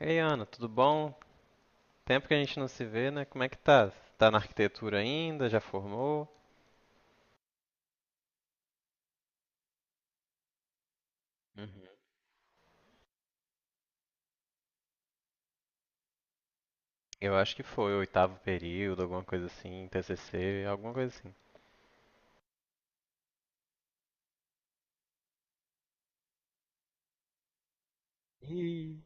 Ei, Ana, tudo bom? Tempo que a gente não se vê, né? Como é que tá? Tá na arquitetura ainda? Já formou? Uhum. Eu acho que foi o oitavo período, alguma coisa assim, TCC, alguma coisa assim. Ih,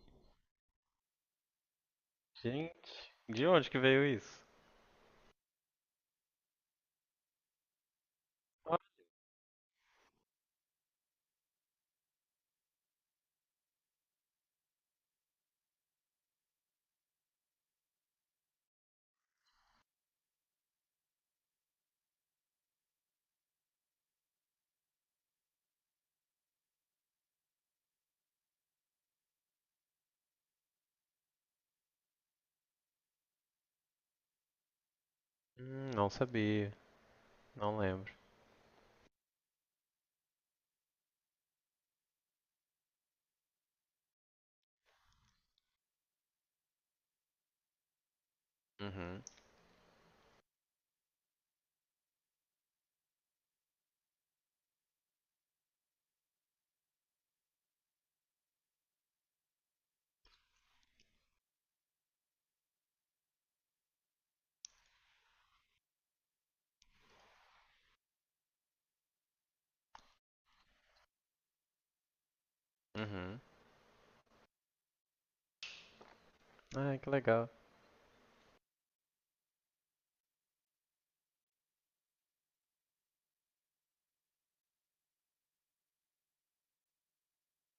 gente, de onde que veio isso? Não sabia, não lembro. Uhum, uhum. Ai, que legal.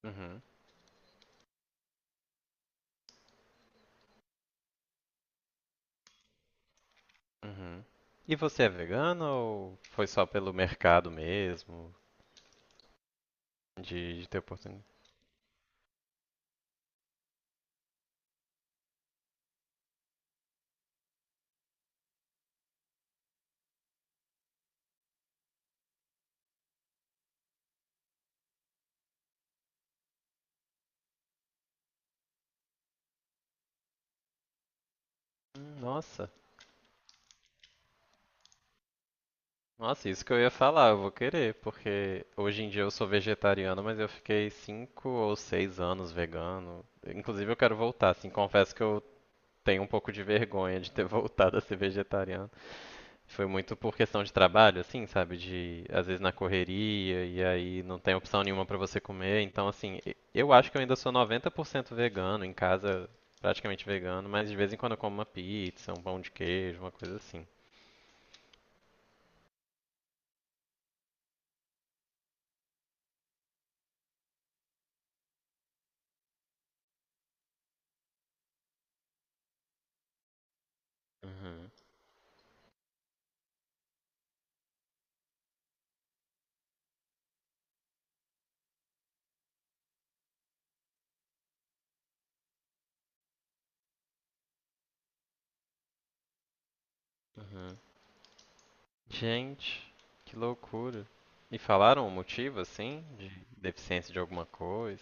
Uhum, uhum. E você é vegano ou foi só pelo mercado mesmo, de ter oportunidade? Hum. Nossa, nossa, isso que eu ia falar, eu vou querer, porque hoje em dia eu sou vegetariano, mas eu fiquei 5 ou 6 anos vegano. Inclusive eu quero voltar, assim, confesso que eu tenho um pouco de vergonha de ter voltado a ser vegetariano. Foi muito por questão de trabalho, assim, sabe? De às vezes na correria e aí não tem opção nenhuma pra você comer. Então, assim, eu acho que eu ainda sou 90% vegano, em casa praticamente vegano, mas de vez em quando eu como uma pizza, um pão de queijo, uma coisa assim. Uhum, uhum. Gente, que loucura. E falaram o motivo, assim, de deficiência de alguma coisa?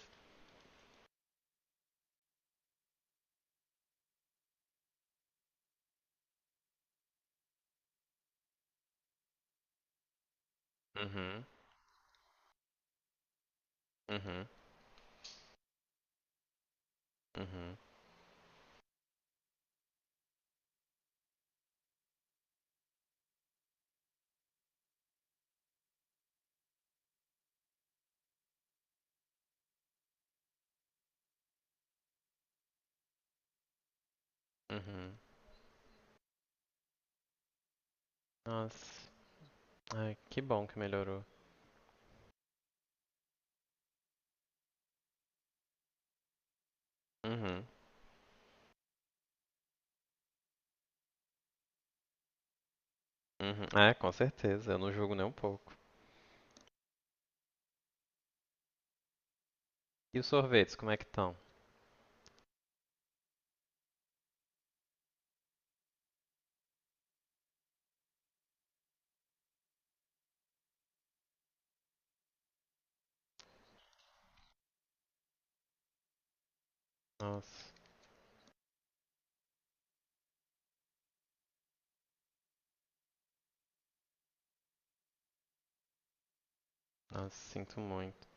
Uhum, uhum, uhum, uhum. Nossa, ai, que bom que melhorou. Uhum, uhum. É, com certeza, eu não julgo nem um pouco. E os sorvetes, como é que estão? Nossa, nossa, sinto muito.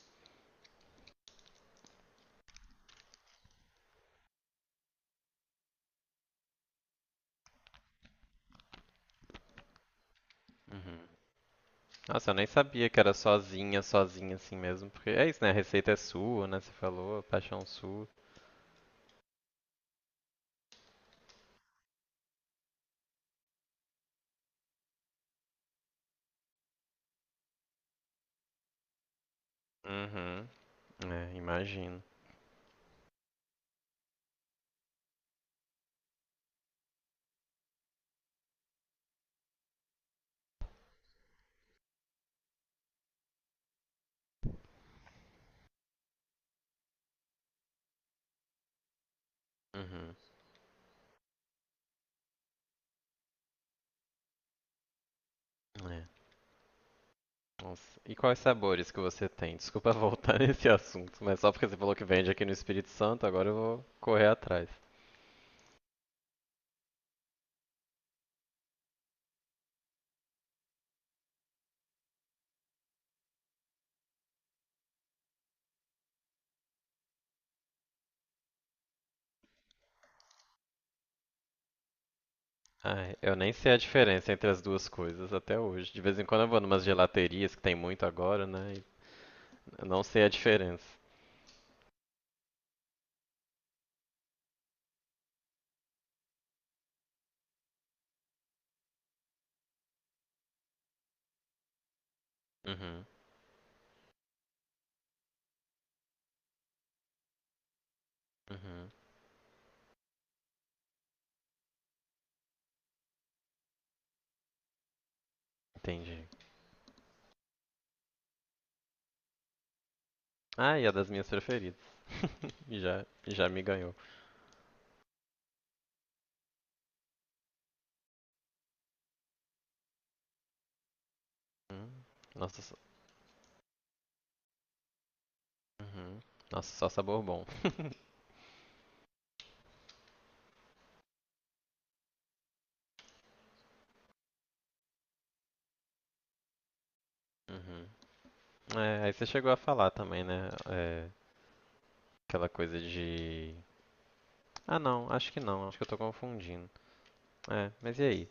Uhum. Nossa, eu nem sabia que era sozinha, sozinha assim mesmo, porque é isso, né? A receita é sua, né? Você falou, a paixão sua. Uhum, é, imagino. Uhum, é. Nossa. E quais sabores que você tem? Desculpa voltar nesse assunto, mas só porque você falou que vende aqui no Espírito Santo, agora eu vou correr atrás. Ai, eu nem sei a diferença entre as duas coisas até hoje. De vez em quando eu vou numas gelaterias que tem muito agora, né? E eu não sei a diferença. Uhum, uhum. Entendi. Ah, e a das minhas preferidas. E já me ganhou. Hum, Nossa, uhum. Nossa, só sabor bom. Uhum. É, aí você chegou a falar também, né? É, aquela coisa de ah, não, acho que não, acho que eu tô confundindo. É, mas e aí?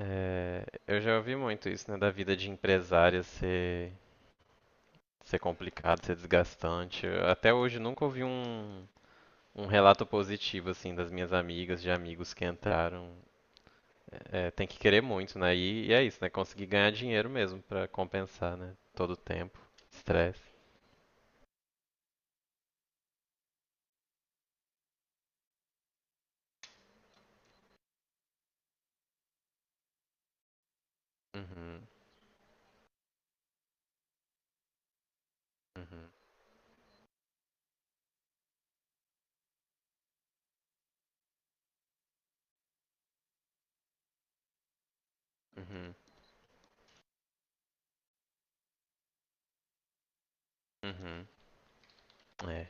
É, eu já ouvi muito isso, né, da vida de empresária ser complicado, ser desgastante. Eu até hoje nunca ouvi um relato positivo, assim, das minhas amigas, de amigos que entraram. É, tem que querer muito, né? E é isso, né? Conseguir ganhar dinheiro mesmo pra compensar, né? Todo o tempo, estresse. Uhum, uhum, uhum, uhum. É.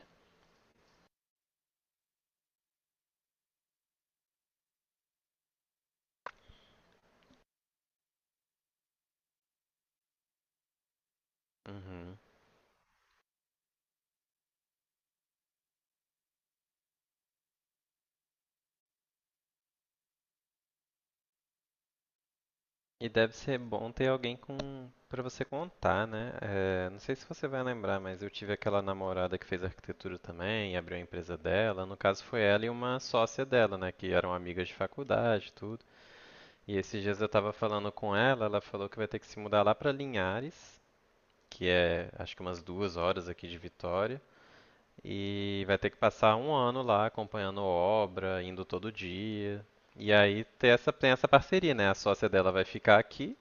Uhum. E deve ser bom ter alguém com para você contar, né? Não sei se você vai lembrar, mas eu tive aquela namorada que fez arquitetura também, e abriu a empresa dela. No caso foi ela e uma sócia dela, né? Que eram amigas de faculdade, e tudo. E esses dias eu tava falando com ela, ela falou que vai ter que se mudar lá pra Linhares, que é acho que umas 2 horas aqui de Vitória, e vai ter que passar um ano lá acompanhando obra, indo todo dia. E aí tem essa parceria, né? A sócia dela vai ficar aqui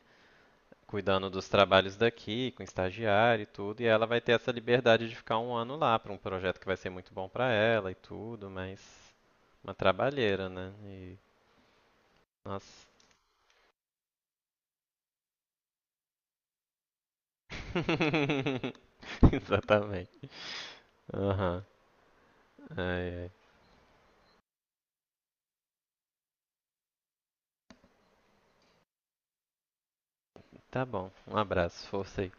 cuidando dos trabalhos daqui, com estagiário e tudo, e ela vai ter essa liberdade de ficar um ano lá para um projeto que vai ser muito bom para ela e tudo, mas uma trabalheira, né? E nossa. Exatamente. Aham. Ai, ai. Tá bom. Um abraço, força aí.